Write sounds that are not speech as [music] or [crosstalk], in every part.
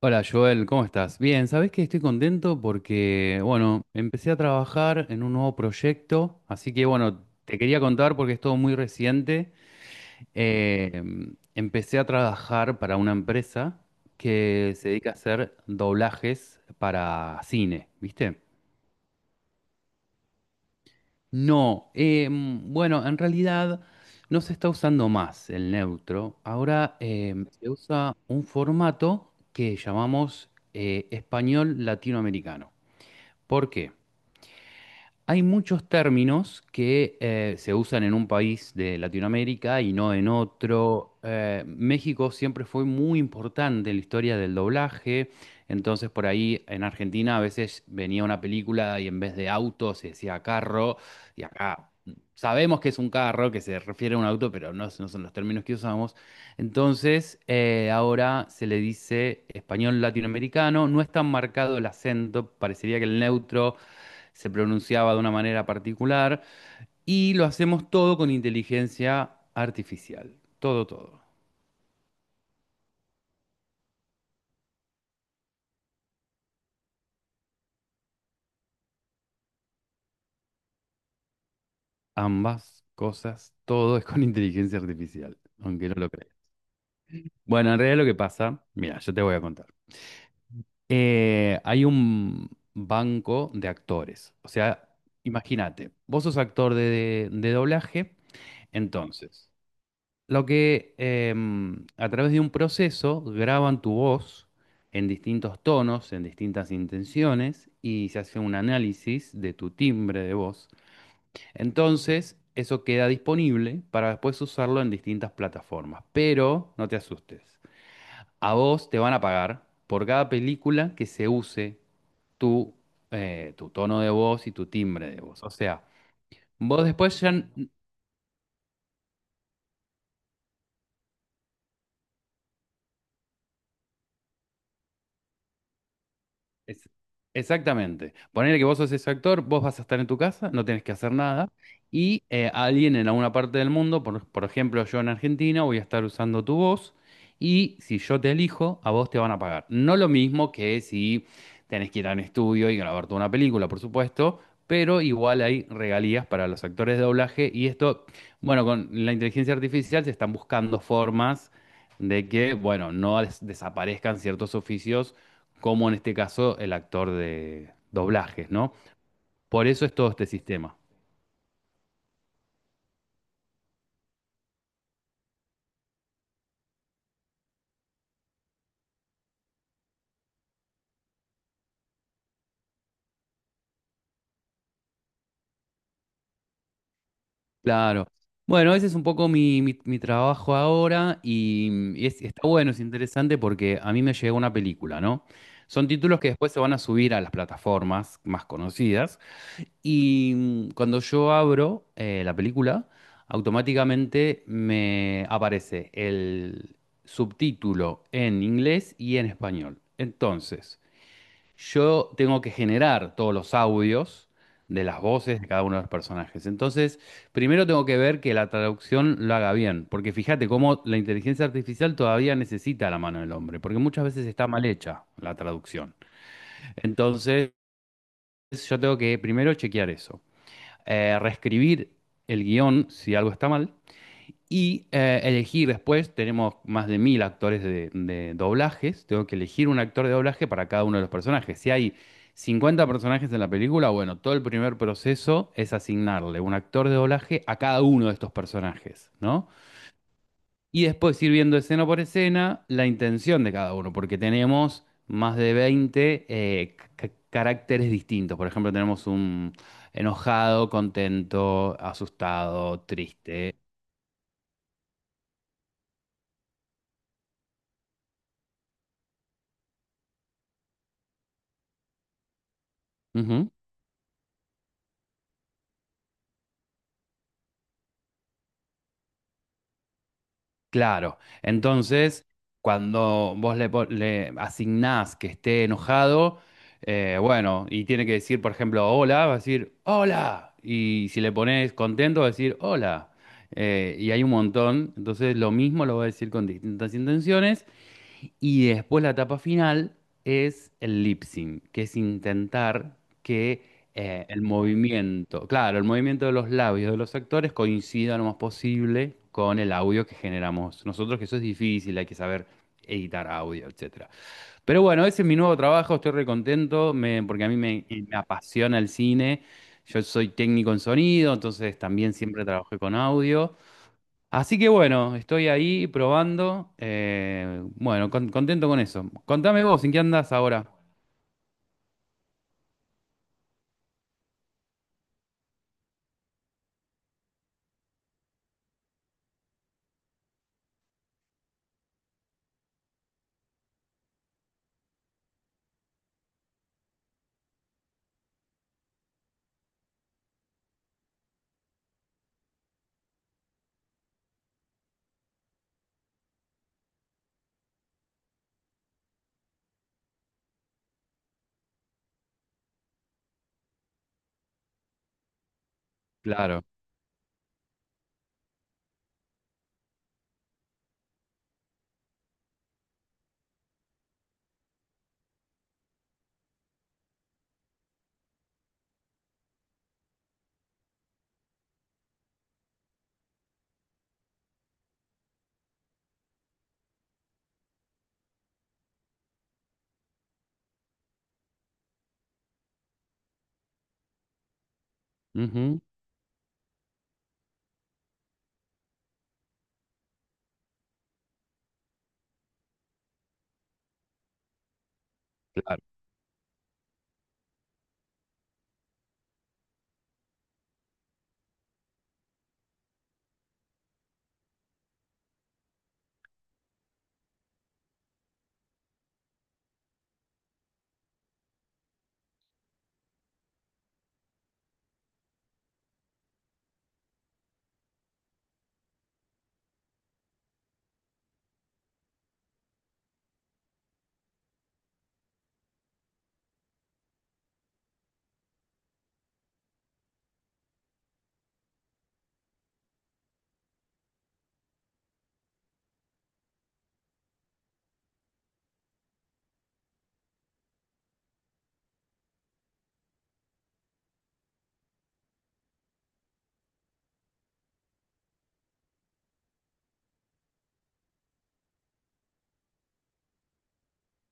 Hola Joel, ¿cómo estás? Bien, sabés que estoy contento porque, bueno, empecé a trabajar en un nuevo proyecto, así que, bueno, te quería contar porque es todo muy reciente. Eh, empecé a trabajar para una empresa que se dedica a hacer doblajes para cine, ¿viste? No, bueno, en realidad no se está usando más el neutro. Ahora se usa un formato que llamamos español latinoamericano. ¿Por qué? Hay muchos términos que se usan en un país de Latinoamérica y no en otro. México siempre fue muy importante en la historia del doblaje, entonces por ahí en Argentina a veces venía una película y en vez de auto se decía carro, y acá sabemos que es un carro, que se refiere a un auto, pero no, no son los términos que usamos. Entonces ahora se le dice español latinoamericano, no es tan marcado el acento, parecería que el neutro se pronunciaba de una manera particular, y lo hacemos todo con inteligencia artificial. Todo, todo. Ambas cosas, todo es con [laughs] inteligencia artificial, aunque no lo creas. Bueno, en realidad lo que pasa, mira, yo te voy a contar. Hay un banco de actores. O sea, imagínate, vos sos actor de doblaje, entonces. Lo que a través de un proceso graban tu voz en distintos tonos, en distintas intenciones, y se hace un análisis de tu timbre de voz. Entonces, eso queda disponible para después usarlo en distintas plataformas. Pero no te asustes, a vos te van a pagar por cada película que se use tu, tu tono de voz y tu timbre de voz. O sea, vos después ya... Es- exactamente. Ponele que vos sos ese actor, vos vas a estar en tu casa, no tenés que hacer nada, y alguien en alguna parte del mundo, por ejemplo yo en Argentina, voy a estar usando tu voz, y si yo te elijo, a vos te van a pagar. No lo mismo que si tenés que ir a un estudio y grabar toda una película, por supuesto, pero igual hay regalías para los actores de doblaje, y esto, bueno, con la inteligencia artificial se están buscando formas de que, bueno, no des- desaparezcan ciertos oficios como en este caso el actor de doblajes, ¿no? Por eso es todo este sistema. Claro. Bueno, ese es un poco mi, mi trabajo ahora y está bueno, es interesante porque a mí me llegó una película, ¿no? Son títulos que después se van a subir a las plataformas más conocidas y cuando yo abro la película, automáticamente me aparece el subtítulo en inglés y en español. Entonces yo tengo que generar todos los audios de las voces de cada uno de los personajes. Entonces, primero tengo que ver que la traducción lo haga bien, porque fíjate cómo la inteligencia artificial todavía necesita la mano del hombre, porque muchas veces está mal hecha la traducción. Entonces, yo tengo que primero chequear eso. Reescribir el guión si algo está mal y elegir después, tenemos más de 1000 actores de doblajes, tengo que elegir un actor de doblaje para cada uno de los personajes. Si hay 50 personajes en la película, bueno, todo el primer proceso es asignarle un actor de doblaje a cada uno de estos personajes, ¿no? Y después ir viendo escena por escena la intención de cada uno, porque tenemos más de 20 caracteres distintos. Por ejemplo, tenemos un enojado, contento, asustado, triste. Claro, entonces cuando vos le, le asignás que esté enojado, bueno, y tiene que decir, por ejemplo, hola, va a decir, hola, y si le pones contento, va a decir, hola. Y hay un montón, entonces lo mismo lo va a decir con distintas intenciones, y después la etapa final es el lip sync, que es intentar que el movimiento, claro, el movimiento de los labios de los actores coincida lo más posible con el audio que generamos nosotros, que eso es difícil, hay que saber editar audio, etcétera. Pero bueno, ese es mi nuevo trabajo, estoy re contento, porque a mí me apasiona el cine. Yo soy técnico en sonido, entonces también siempre trabajé con audio. Así que bueno, estoy ahí probando. Bueno, contento con eso. Contame vos, ¿en qué andás ahora? Claro. Ujú, claro.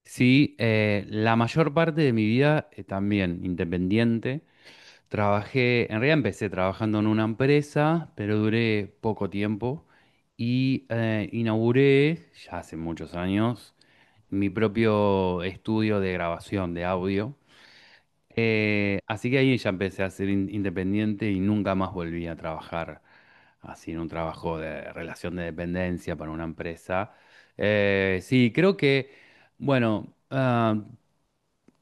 Sí, la mayor parte de mi vida también independiente. Trabajé, en realidad empecé trabajando en una empresa, pero duré poco tiempo y inauguré, ya hace muchos años, mi propio estudio de grabación de audio. Así que ahí ya empecé a ser independiente y nunca más volví a trabajar así en un trabajo de relación de dependencia para una empresa. Sí, creo que, bueno, ah,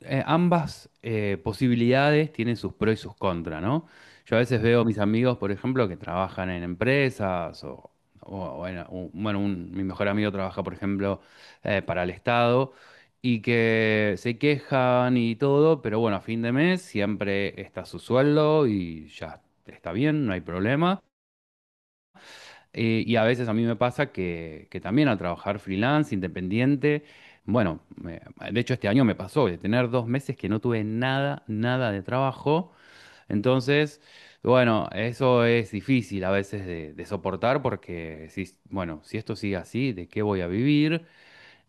eh, ambas posibilidades tienen sus pros y sus contras, ¿no? Yo a veces veo a mis amigos, por ejemplo, que trabajan en empresas o, o bueno, mi mejor amigo trabaja, por ejemplo, para el Estado y que se quejan y todo, pero bueno, a fin de mes siempre está su sueldo y ya está bien, no hay problema. Y a veces a mí me pasa que también al trabajar freelance, independiente, bueno, de hecho este año me pasó de tener 2 meses que no tuve nada, nada de trabajo. Entonces, bueno, eso es difícil a veces de soportar porque decís, bueno, si esto sigue así, ¿de qué voy a vivir?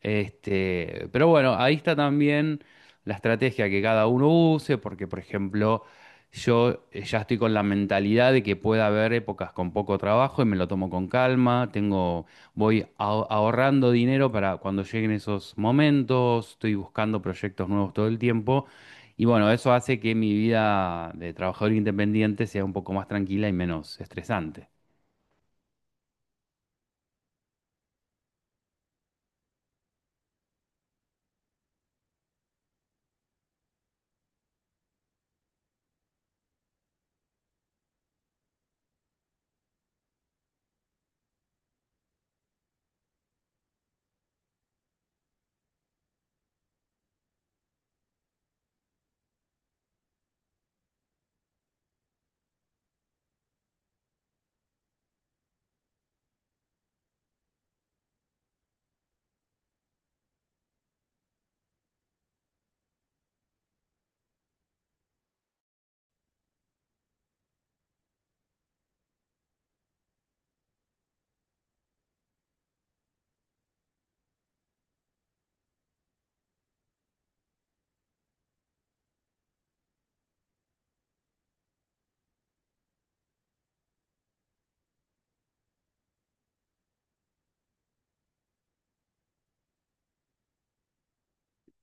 Este, pero bueno, ahí está también la estrategia que cada uno use, porque por ejemplo, yo ya estoy con la mentalidad de que pueda haber épocas con poco trabajo y me lo tomo con calma, tengo, ahorrando dinero para cuando lleguen esos momentos, estoy buscando proyectos nuevos todo el tiempo y bueno, eso hace que mi vida de trabajador independiente sea un poco más tranquila y menos estresante.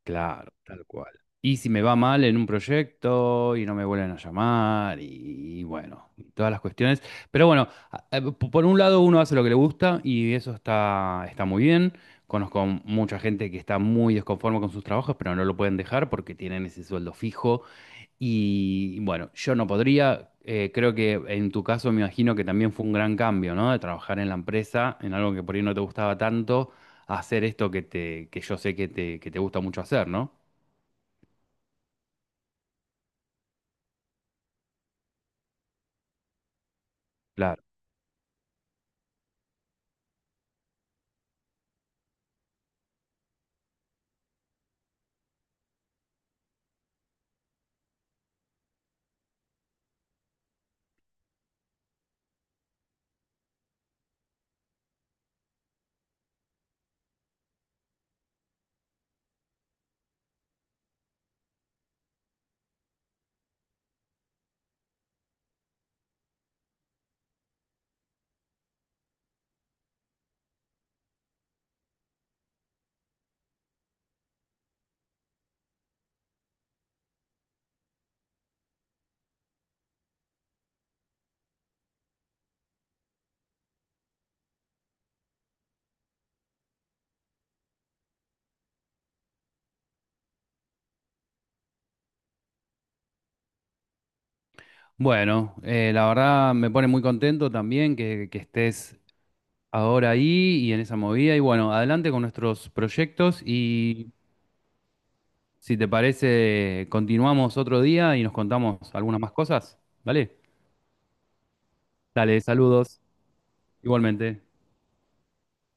Claro, tal cual. Y si me va mal en un proyecto y no me vuelven a llamar y bueno, y todas las cuestiones. Pero bueno, por un lado uno hace lo que le gusta y eso está, está muy bien. Conozco mucha gente que está muy desconforme con sus trabajos, pero no lo pueden dejar porque tienen ese sueldo fijo y bueno, yo no podría, creo que en tu caso me imagino que también fue un gran cambio, ¿no? De trabajar en la empresa, en algo que por ahí no te gustaba tanto, a hacer esto que te, que yo sé que te gusta mucho hacer, ¿no? Claro. Bueno, la verdad me pone muy contento también que estés ahora ahí y en esa movida. Y bueno, adelante con nuestros proyectos y si te parece, continuamos otro día y nos contamos algunas más cosas, ¿vale? Dale, saludos, igualmente.